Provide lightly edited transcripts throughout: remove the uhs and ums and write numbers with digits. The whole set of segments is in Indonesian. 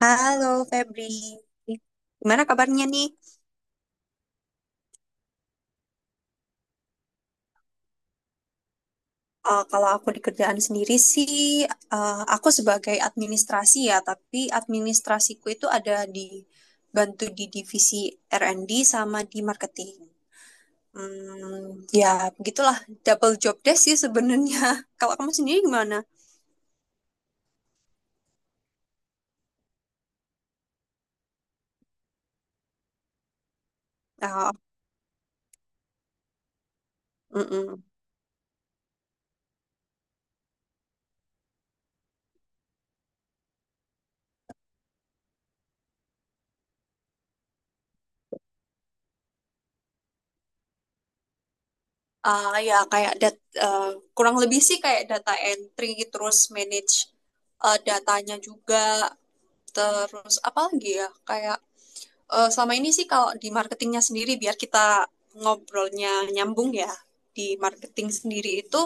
Halo Febri, gimana kabarnya nih? Eh, kalau aku di kerjaan sendiri sih, aku sebagai administrasi ya, tapi administrasiku itu ada di bantu di divisi R&D sama di marketing. Hmm, ya begitulah double job desk sih sebenarnya. Kalau kamu sendiri gimana? Oh. Ah, ya kayak dat eh, Kurang lebih sih kayak data entry terus manage datanya juga, terus apa lagi ya, kayak selama ini sih kalau di marketingnya sendiri biar kita ngobrolnya nyambung ya, di marketing sendiri itu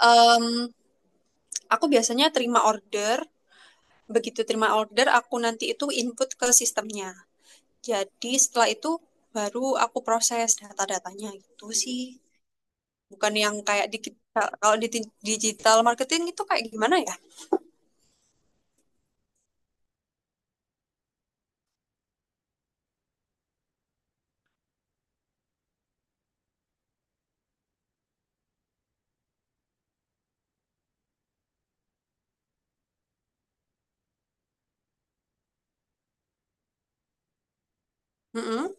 em, aku biasanya terima order. Begitu terima order aku nanti itu input ke sistemnya, jadi setelah itu baru aku proses data-datanya gitu sih, bukan yang kayak digital. Kalau di digital marketing itu kayak gimana ya? Mm-mm.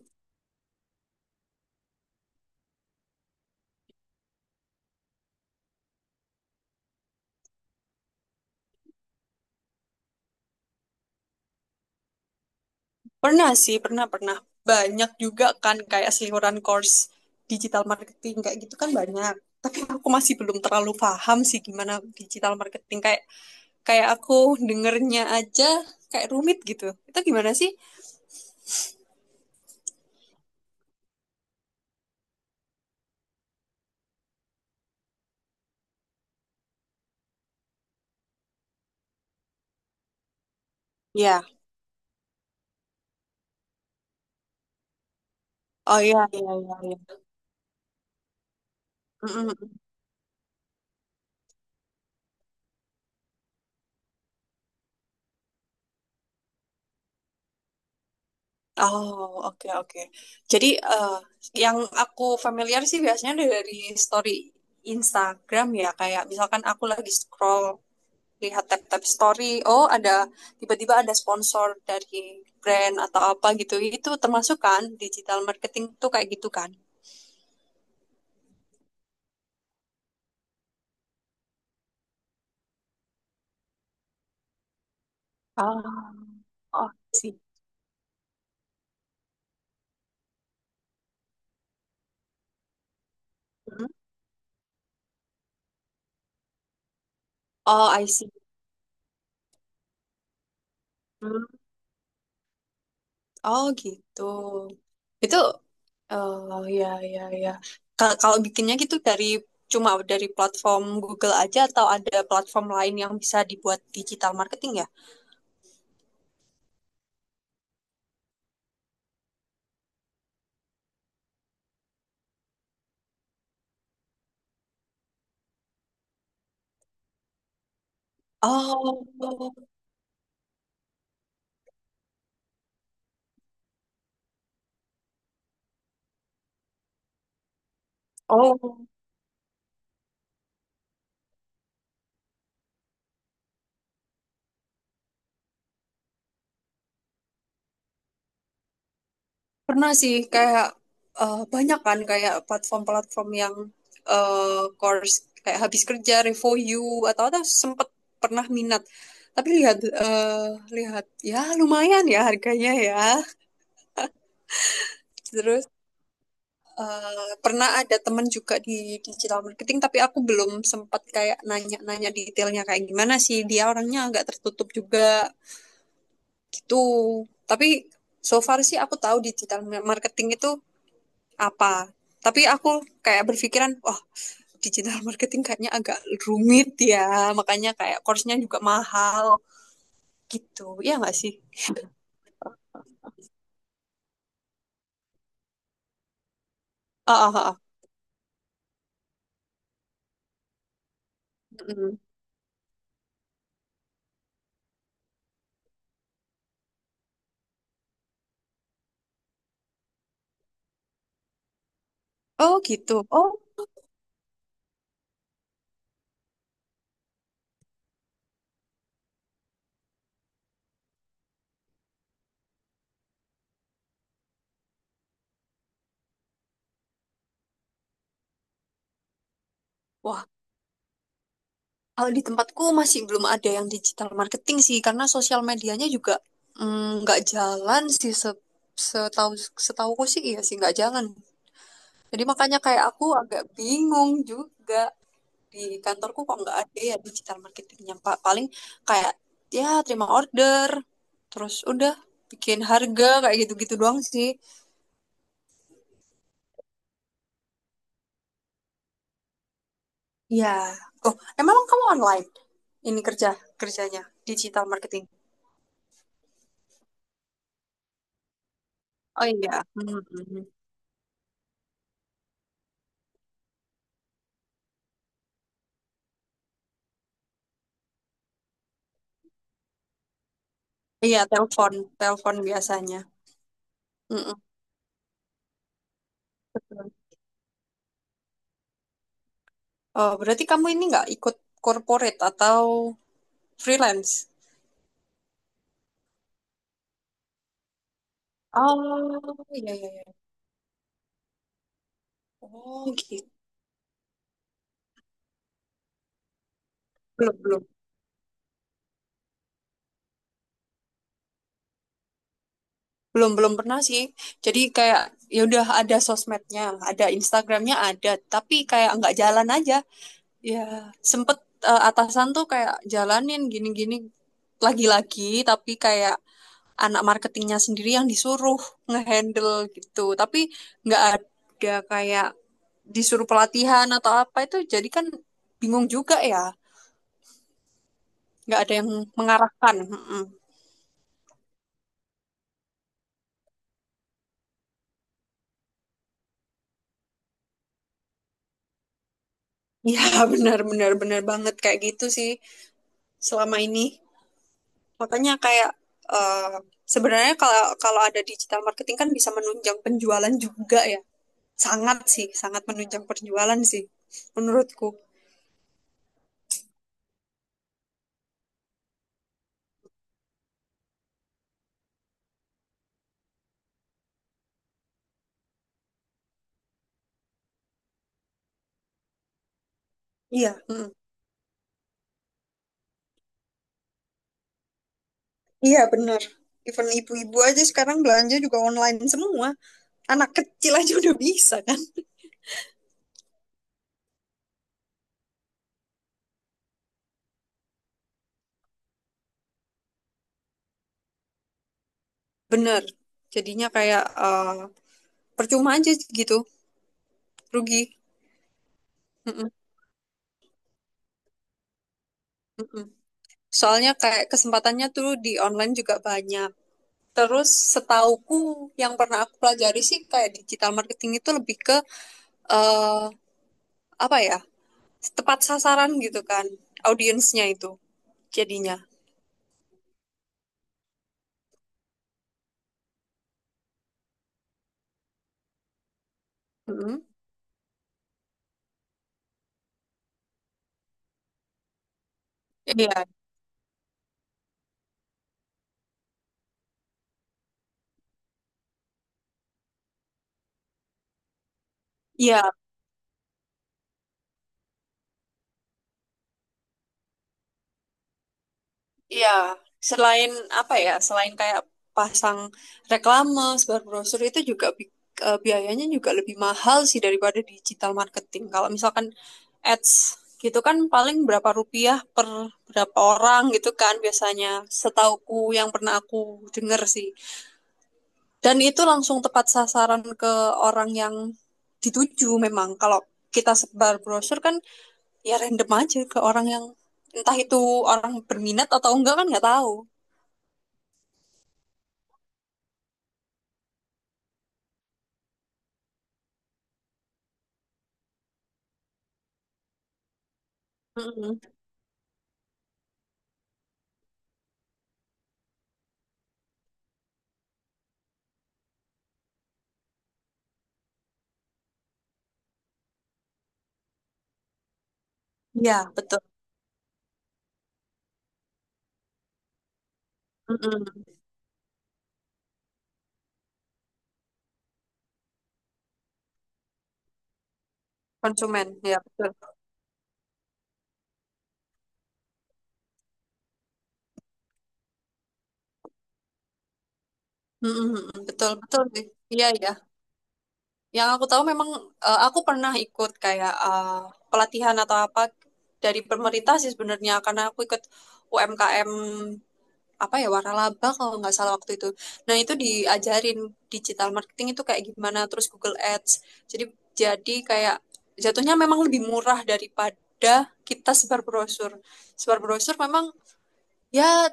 Pernah sih, pernah pernah. Banyak juga kan kayak seliweran course digital marketing kayak gitu kan banyak. Tapi aku masih belum terlalu paham sih gimana digital marketing kayak kayak aku dengernya aja kayak rumit gitu. Itu gimana sih? Ya. Oh iya iya iya iya. Mm-mm. Oh, oke, oke. Jadi, yang aku familiar sih biasanya dari story Instagram ya, kayak misalkan aku lagi scroll, lihat tab-tab story, oh ada, tiba-tiba ada sponsor dari brand atau apa gitu, itu termasuk kan, digital marketing tuh kayak gitu kan? Ah, oh, I see. Hmm. Oh, I see. Oh gitu. Itu oh ya ya ya. Kalau bikinnya gitu cuma dari platform Google aja atau ada platform lain yang bisa dibuat digital marketing ya? Oh, oh pernah sih, kayak banyak kan kayak platform-platform yang eh, course kayak habis kerja review you atau sempet pernah minat. Tapi lihat eh, lihat ya lumayan ya harganya ya. Terus pernah ada teman juga di digital marketing, tapi aku belum sempat kayak nanya-nanya detailnya kayak gimana sih. Dia orangnya agak tertutup juga gitu. Tapi so far sih aku tahu digital marketing itu apa. Tapi aku kayak berpikiran, wah digital marketing kayaknya agak rumit ya, makanya kayak course-nya juga mahal gitu. Ya nggak sih? Ah, ah, ah, ah. Mm-mm. Oh gitu. Oh, wah. Kalau di tempatku masih belum ada yang digital marketing sih, karena sosial medianya juga mm, nggak jalan sih, setahu setahuku sih iya sih nggak jalan. Jadi makanya kayak aku agak bingung juga di kantorku, kok nggak ada ya digital marketingnya Pak. Paling kayak ya terima order, terus udah bikin harga kayak gitu-gitu doang sih. Ya, oh emang kamu online ini kerjanya digital marketing? Oh iya. Hmm. hmm, hmm. Iya, telepon, telepon biasanya. Mm-mm, betul. Oh, berarti kamu ini nggak ikut corporate atau freelance? Oh, iya iya iya. Oh, gitu. Belum belum belum belum pernah sih. Jadi kayak ya udah ada sosmednya, ada Instagramnya ada, tapi kayak nggak jalan aja. Ya sempet atasan tuh kayak jalanin gini-gini lagi-lagi, tapi kayak anak marketingnya sendiri yang disuruh ngehandle gitu. Tapi nggak ada kayak disuruh pelatihan atau apa, itu jadi kan bingung juga ya, nggak ada yang mengarahkan. Mm-mm. Ya benar benar benar banget kayak gitu sih selama ini, makanya kayak sebenarnya kalau kalau ada digital marketing kan bisa menunjang penjualan juga ya, sangat sih sangat menunjang penjualan sih menurutku. Iya mm. Iya benar, even ibu-ibu aja sekarang belanja juga online semua, anak kecil aja udah bisa kan. Benar, jadinya kayak Percuma aja gitu, rugi. Mm-mm, mm. Soalnya kayak kesempatannya tuh di online juga banyak. Terus setauku yang pernah aku pelajari sih kayak digital marketing itu lebih ke eh apa ya? Tepat sasaran gitu kan audiensnya itu jadinya. Mm-mm. Iya, iya. Iya, selain apa ya, selain kayak pasang reklame, sebar brosur itu juga biayanya juga lebih mahal sih daripada digital marketing. Kalau misalkan ads gitu kan paling berapa rupiah per berapa orang gitu kan biasanya, setauku yang pernah aku denger sih. Dan itu langsung tepat sasaran ke orang yang dituju memang. Kalau kita sebar brosur kan ya random aja ke orang yang entah itu orang berminat atau enggak kan nggak tahu. Mhm. Ya betul. Mhm. Konsumen, ya betul. Mhm, mhm. Betul, betul sih. Iya, ya. Yang aku tahu memang aku pernah ikut kayak pelatihan atau apa dari pemerintah sih sebenarnya, karena aku ikut UMKM, apa ya, waralaba kalau nggak salah waktu itu. Nah, itu diajarin digital marketing itu kayak gimana, terus Google Ads. Jadi jadi kayak jatuhnya memang lebih murah daripada kita sebar brosur. Sebar brosur memang ya,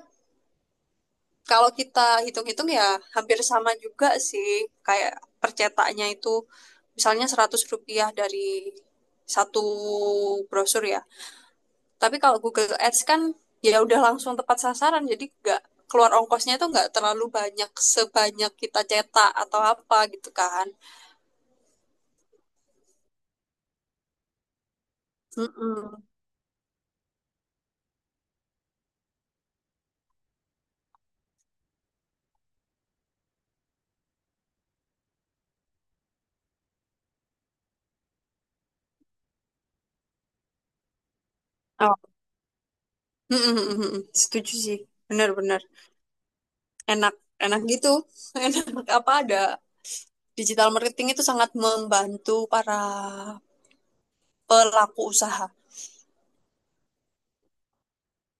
kalau kita hitung-hitung ya hampir sama juga sih, kayak percetaknya itu misalnya Rp100 dari satu brosur ya. Tapi kalau Google Ads kan ya udah langsung tepat sasaran, jadi nggak keluar ongkosnya itu nggak terlalu banyak sebanyak kita cetak atau apa gitu kan. Mm-mm. Oh, mm mm. Setuju sih, benar-benar enak, enak gitu. Enak apa ada digital marketing itu sangat membantu para pelaku usaha.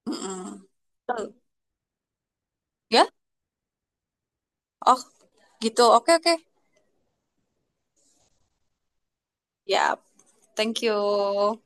Mm-mm. Ya? Oh, gitu. Oke, oke. Ya, thank you.